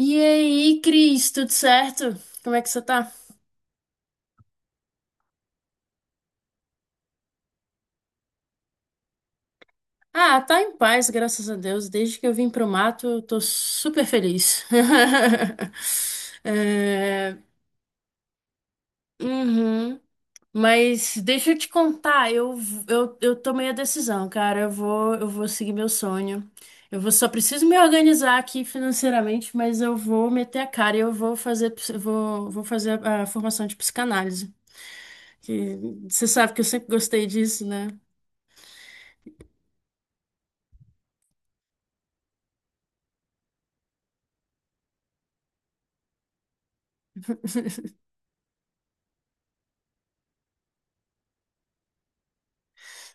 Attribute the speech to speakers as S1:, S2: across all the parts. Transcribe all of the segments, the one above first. S1: E aí, Cris, tudo certo? Como é que você tá? Ah, tá em paz, graças a Deus. Desde que eu vim pro mato, eu tô super feliz. É, uhum. Mas deixa eu te contar, eu tomei a decisão, cara. Eu vou seguir meu sonho. Eu vou, só preciso me organizar aqui financeiramente, mas eu vou meter a cara e eu vou fazer, eu vou, vou fazer a formação de psicanálise. Que você sabe que eu sempre gostei disso, né?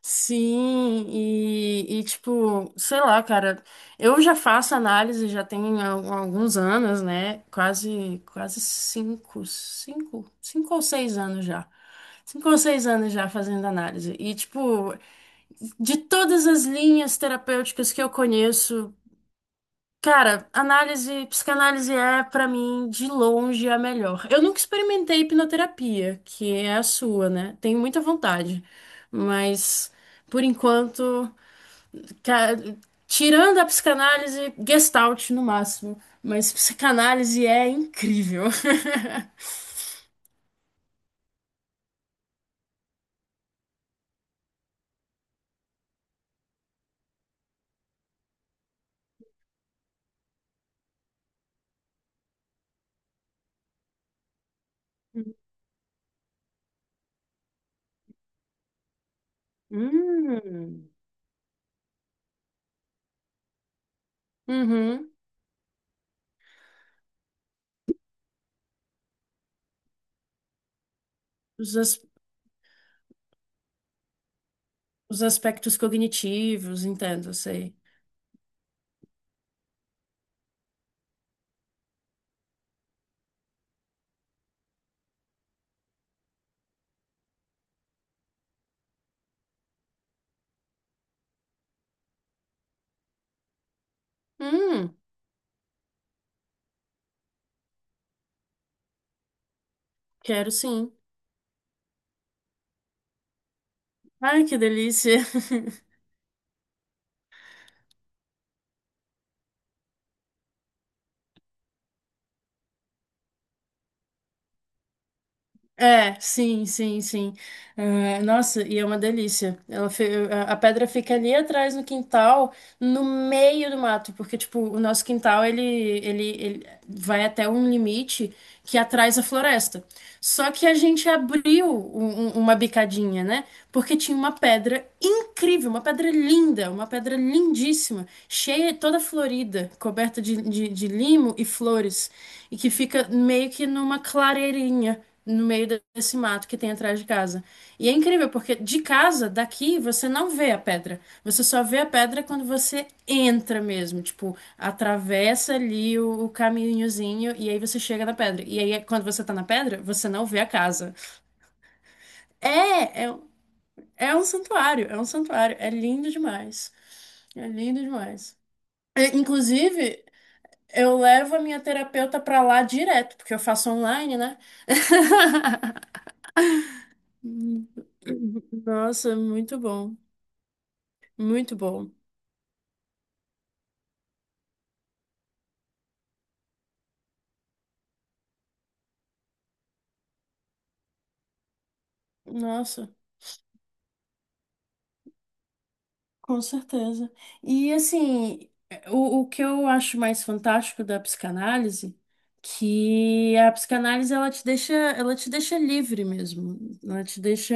S1: Sim, tipo, sei lá, cara, eu já faço análise já tem alguns anos, né? Quase cinco, cinco ou seis anos já. Cinco ou seis anos já fazendo análise. E, tipo, de todas as linhas terapêuticas que eu conheço, cara, análise, psicanálise é pra mim de longe a melhor. Eu nunca experimentei hipnoterapia, que é a sua, né? Tenho muita vontade, mas por enquanto, ca- tirando a psicanálise, Gestalt no máximo, mas psicanálise é incrível. Hum, uhum. Os, as- os aspectos cognitivos, entendo, sei. Hum, quero sim. Ai, que delícia. É, sim, sim, sim. Ah, nossa, e é uma delícia. A pedra fica ali atrás no quintal, no meio do mato, porque tipo, o nosso quintal ele vai até um limite que atrás a floresta. Só que a gente abriu uma bicadinha, né? Porque tinha uma pedra incrível, uma pedra linda, uma pedra lindíssima, cheia, toda florida, coberta de limo e flores, e que fica meio que numa clareirinha no meio desse mato que tem atrás de casa. E é incrível, porque de casa, daqui, você não vê a pedra. Você só vê a pedra quando você entra mesmo. Tipo, atravessa ali o caminhozinho e aí você chega na pedra. E aí, quando você tá na pedra, você não vê a casa. É, é, é um santuário, é um santuário. É lindo demais. É lindo demais. É, inclusive, eu levo a minha terapeuta pra lá direto, porque eu faço online, né? Hum, nossa, muito bom. Muito bom. Nossa, com certeza. E assim, o que eu acho mais fantástico da psicanálise, que a psicanálise ela te deixa livre mesmo. Ela te deixa,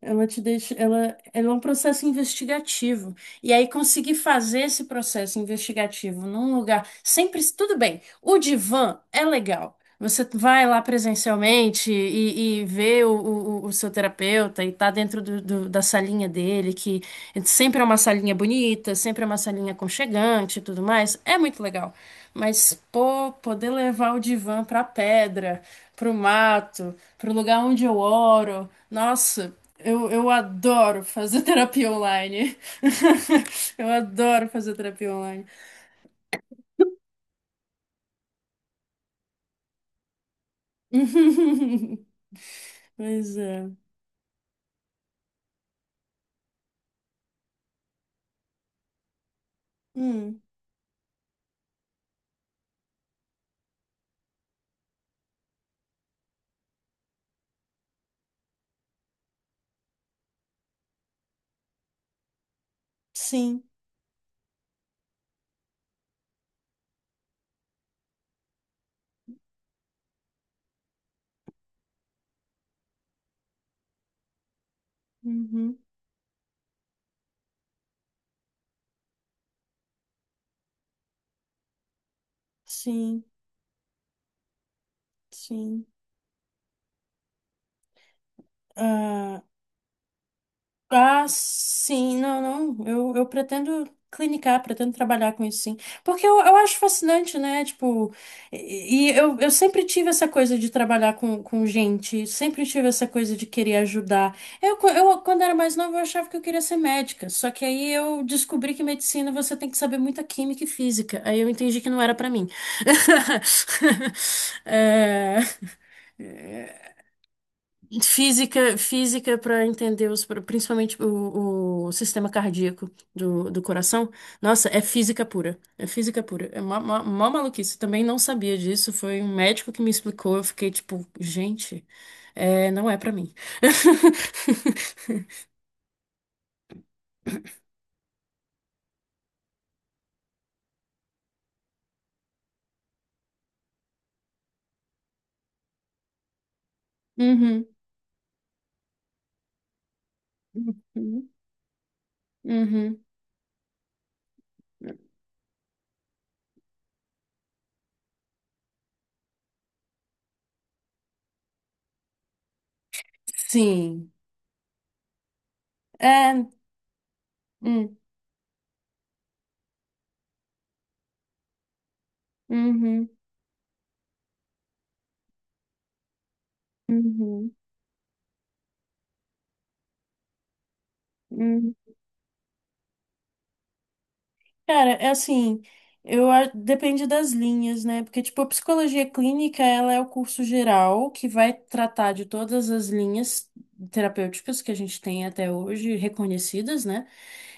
S1: ela te deixa, ela é um processo investigativo. E aí conseguir fazer esse processo investigativo num lugar sempre tudo bem. O divã é legal. Você vai lá presencialmente e vê o seu terapeuta e tá dentro da salinha dele, que sempre é uma salinha bonita, sempre é uma salinha aconchegante e tudo mais. É muito legal. Mas, pô, poder levar o divã pra pedra, pro mato, pro lugar onde eu oro. Nossa, eu adoro fazer terapia online. Eu adoro fazer terapia online. Mas é. Hum. Sim, uhum, sim, sim. Ah, ah, sim, não, não. Eu pretendo clinicar, pretendo trabalhar com isso, sim. Porque eu acho fascinante, né? Tipo, eu sempre tive essa coisa de trabalhar com gente, sempre tive essa coisa de querer ajudar. Quando era mais nova, eu achava que eu queria ser médica. Só que aí eu descobri que medicina você tem que saber muita química e física. Aí eu entendi que não era pra mim. É, física para entender os, principalmente o sistema cardíaco do coração. Nossa, é física pura. É física pura. É mó maluquice. Também não sabia disso. Foi um médico que me explicou. Eu fiquei tipo, gente, é, não é para mim. Uhum, uhum, uhum. Sim. É. Hum, uhum. Uhum. Uhum. Cara, é assim, depende das linhas, né? Porque, tipo, a psicologia clínica, ela é o curso geral que vai tratar de todas as linhas terapêuticas que a gente tem até hoje reconhecidas, né?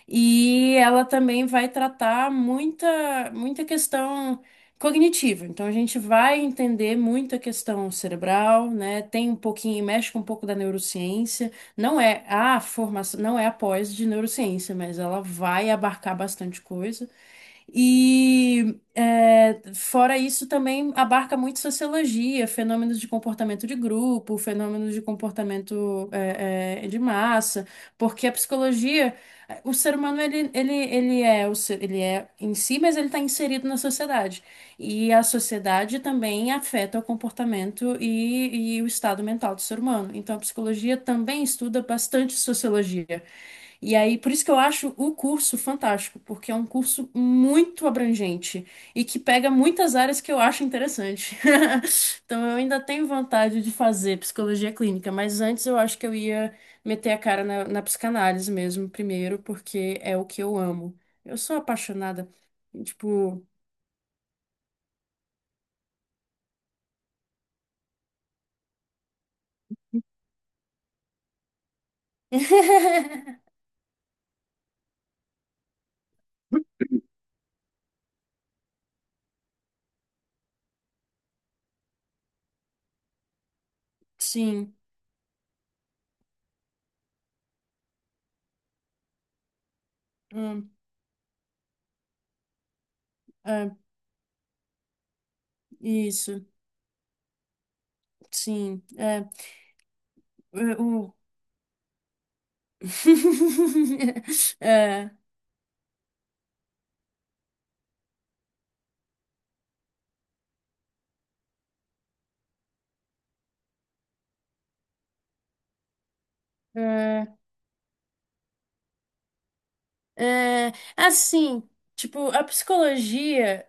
S1: E ela também vai tratar muita questão cognitiva. Então, a gente vai entender muita questão cerebral, né? Tem um pouquinho, mexe com um pouco da neurociência. Não é a formação, não é a pós de neurociência, mas ela vai abarcar bastante coisa. E é, fora isso também abarca muito sociologia, fenômenos de comportamento de grupo, fenômenos de comportamento de massa, porque a psicologia, é, o ser humano ele é o ele é em si, mas ele está inserido na sociedade. E a sociedade também afeta o comportamento e o estado mental do ser humano. Então a psicologia também estuda bastante sociologia. E aí, por isso que eu acho o curso fantástico, porque é um curso muito abrangente e que pega muitas áreas que eu acho interessante. Então, eu ainda tenho vontade de fazer psicologia clínica, mas antes eu acho que eu ia meter a cara na psicanálise mesmo, primeiro, porque é o que eu amo. Eu sou apaixonada. Tipo. Sim. Hum, é, isso. Sim. É, é, o... é, é, é, assim, tipo, a psicologia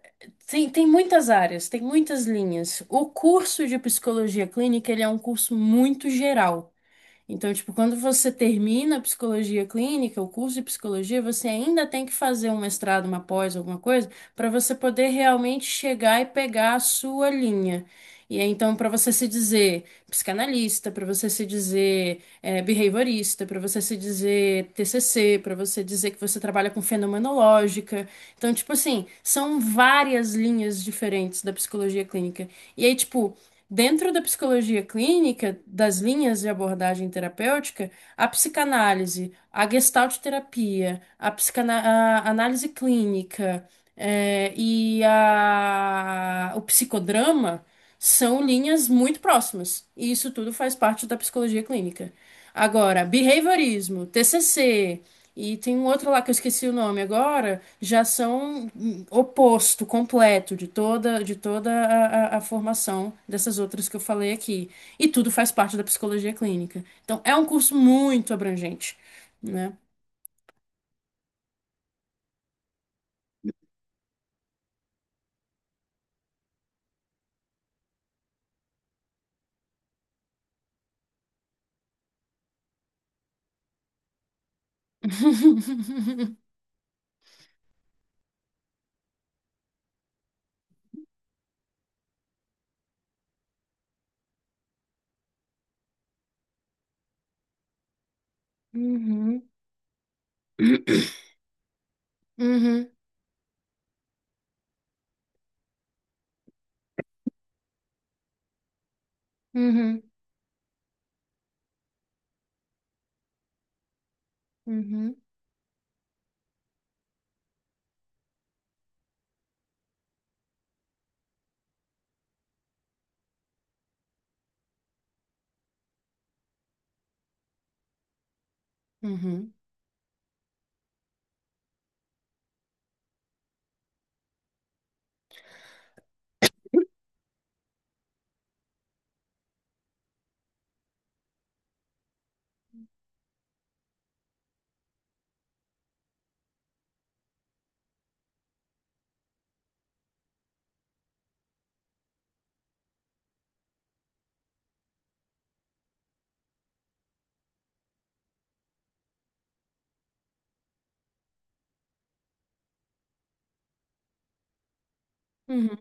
S1: tem muitas áreas, tem muitas linhas. O curso de psicologia clínica, ele é um curso muito geral. Então, tipo, quando você termina a psicologia clínica, o curso de psicologia, você ainda tem que fazer um mestrado, uma pós, alguma coisa, para você poder realmente chegar e pegar a sua linha. E aí, então, para você se dizer psicanalista, para você se dizer eh, behaviorista, para você se dizer TCC, para você dizer que você trabalha com fenomenológica. Então, tipo assim, são várias linhas diferentes da psicologia clínica. E aí, tipo, dentro da psicologia clínica, das linhas de abordagem terapêutica, a psicanálise, a gestalt terapia, a, a análise clínica, eh, o psicodrama são linhas muito próximas. E isso tudo faz parte da psicologia clínica. Agora, behaviorismo, TCC. E tem um outro lá que eu esqueci o nome agora, já são oposto, completo de toda a formação dessas outras que eu falei aqui. E tudo faz parte da psicologia clínica. Então é um curso muito abrangente, né? Uhum. Uhum. Uhum. Uhum. Uhum. Uhum.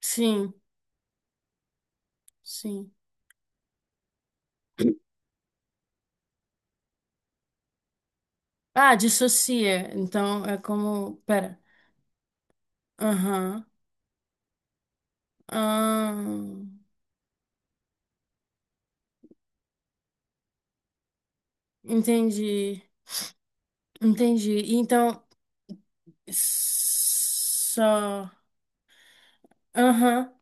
S1: Sim, sim. Ah, dissocia. Então é como. Pera. Aham. Ah, entendi. Entendi. Então, só. Aham.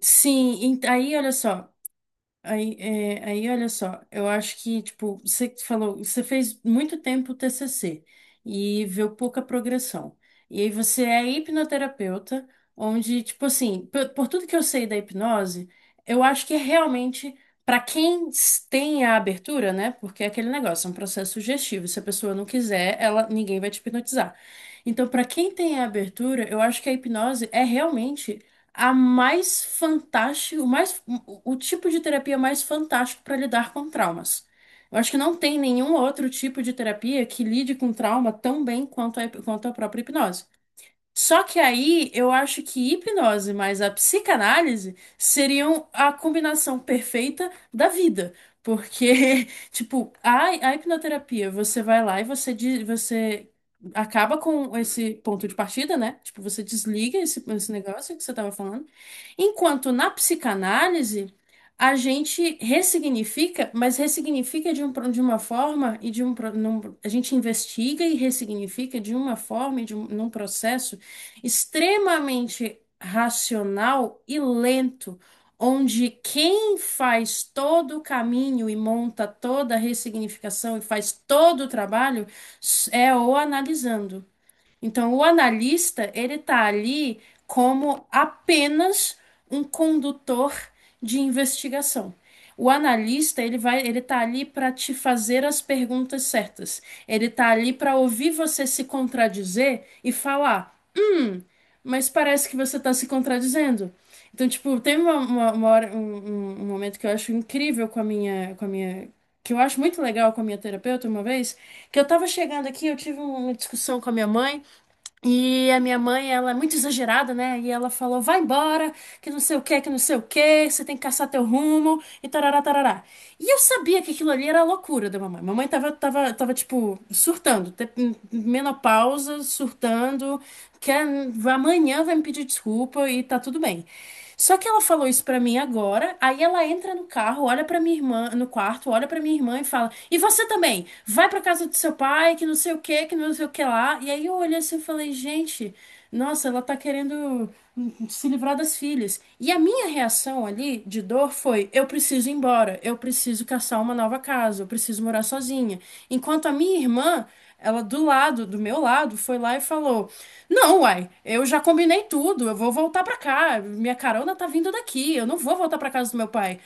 S1: Sim, aí olha só. Aí, é, aí, olha só, eu acho que, tipo, você falou, você fez muito tempo o TCC e viu pouca progressão. E aí você é hipnoterapeuta, onde, tipo assim, por tudo que eu sei da hipnose, eu acho que é realmente, para quem tem a abertura, né? Porque é aquele negócio, é um processo sugestivo. Se a pessoa não quiser, ela, ninguém vai te hipnotizar. Então, para quem tem a abertura, eu acho que a hipnose é realmente a mais fantástica, o tipo de terapia mais fantástico para lidar com traumas. Eu acho que não tem nenhum outro tipo de terapia que lide com trauma tão bem quanto a própria hipnose. Só que aí eu acho que hipnose mais a psicanálise seriam a combinação perfeita da vida. Porque, tipo, a hipnoterapia, você vai lá e você acaba com esse ponto de partida, né? Tipo, você desliga esse negócio que você tava falando. Enquanto na psicanálise, a gente ressignifica, mas ressignifica de, um, pro- de uma forma e de a gente investiga e ressignifica de uma forma e de um, num processo extremamente racional e lento, onde quem faz todo o caminho e monta toda a ressignificação e faz todo o trabalho é o analisando. Então, o analista, ele tá ali como apenas um condutor de investigação. O analista, ele tá ali para te fazer as perguntas certas. Ele tá ali para ouvir você se contradizer e falar: mas parece que você está se contradizendo. Então, tipo, tem uma hora, um momento que eu acho incrível que eu acho muito legal com a minha terapeuta uma vez, que eu tava chegando aqui, eu tive uma discussão com a minha mãe, e a minha mãe, ela é muito exagerada, né? E ela falou: vai embora, que não sei o que, que não sei o que, você tem que caçar teu rumo, e tarará, tarará. E eu sabia que aquilo ali era a loucura da mamãe. Mamãe tava tipo, surtando, menopausa, surtando, que amanhã vai me pedir desculpa e tá tudo bem. Só que ela falou isso pra mim agora, aí ela entra no carro, olha pra minha irmã, no quarto, olha pra minha irmã e fala: "E você também? Vai pra casa do seu pai, que não sei o que, que não sei o que lá". E aí eu olhei assim e falei: "Gente, nossa, ela tá querendo se livrar das filhas". E a minha reação ali de dor foi: "Eu preciso ir embora, eu preciso caçar uma nova casa, eu preciso morar sozinha". Enquanto a minha irmã, do meu lado, foi lá e falou: não, uai, eu já combinei tudo, eu vou voltar pra cá, minha carona tá vindo daqui, eu não vou voltar pra casa do meu pai.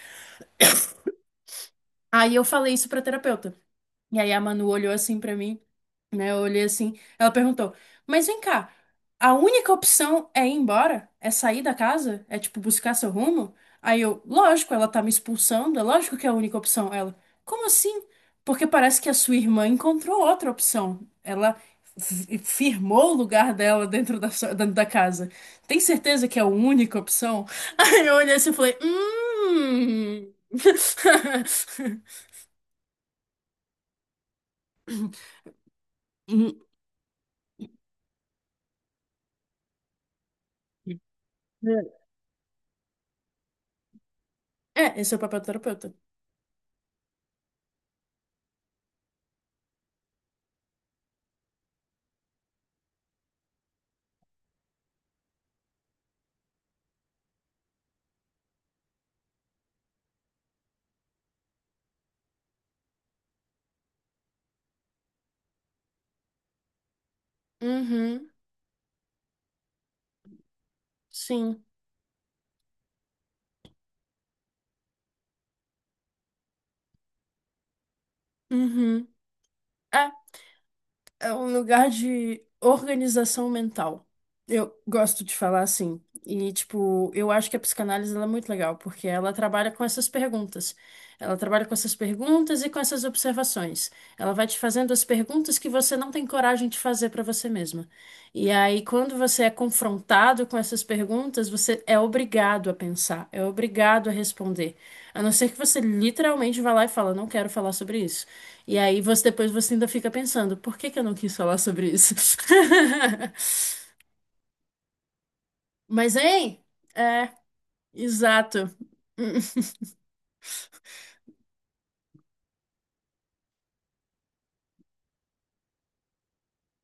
S1: Aí eu falei isso pra terapeuta. E aí a Manu olhou assim pra mim, né? Eu olhei assim. Ela perguntou: mas vem cá, a única opção é ir embora? É sair da casa? É tipo buscar seu rumo? Aí eu, lógico, ela tá me expulsando, é lógico que é a única opção. Ela, como assim? Porque parece que a sua irmã encontrou outra opção. Ela firmou o lugar dela dentro da, dentro da casa. Tem certeza que é a única opção? Aí eu olhei assim e falei: hum. Hum. É, esse é o papel do terapeuta. Uhum, sim. Uhum. É, é um lugar de organização mental. Eu gosto de falar assim. E, tipo, eu acho que a psicanálise ela é muito legal, porque ela trabalha com essas perguntas. Ela trabalha com essas perguntas e com essas observações. Ela vai te fazendo as perguntas que você não tem coragem de fazer para você mesma. E aí, quando você é confrontado com essas perguntas, você é obrigado a pensar, é obrigado a responder. A não ser que você literalmente vá lá e fala, não quero falar sobre isso. E aí você depois você ainda fica pensando, por que que eu não quis falar sobre isso? Mas, hein? É, exato.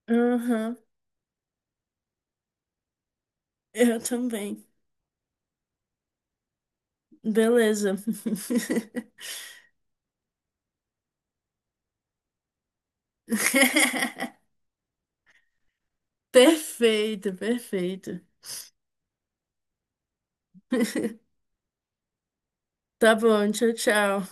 S1: Uhum, eu também. Beleza. Perfeito, perfeito. Tá bom, tchau, tchau.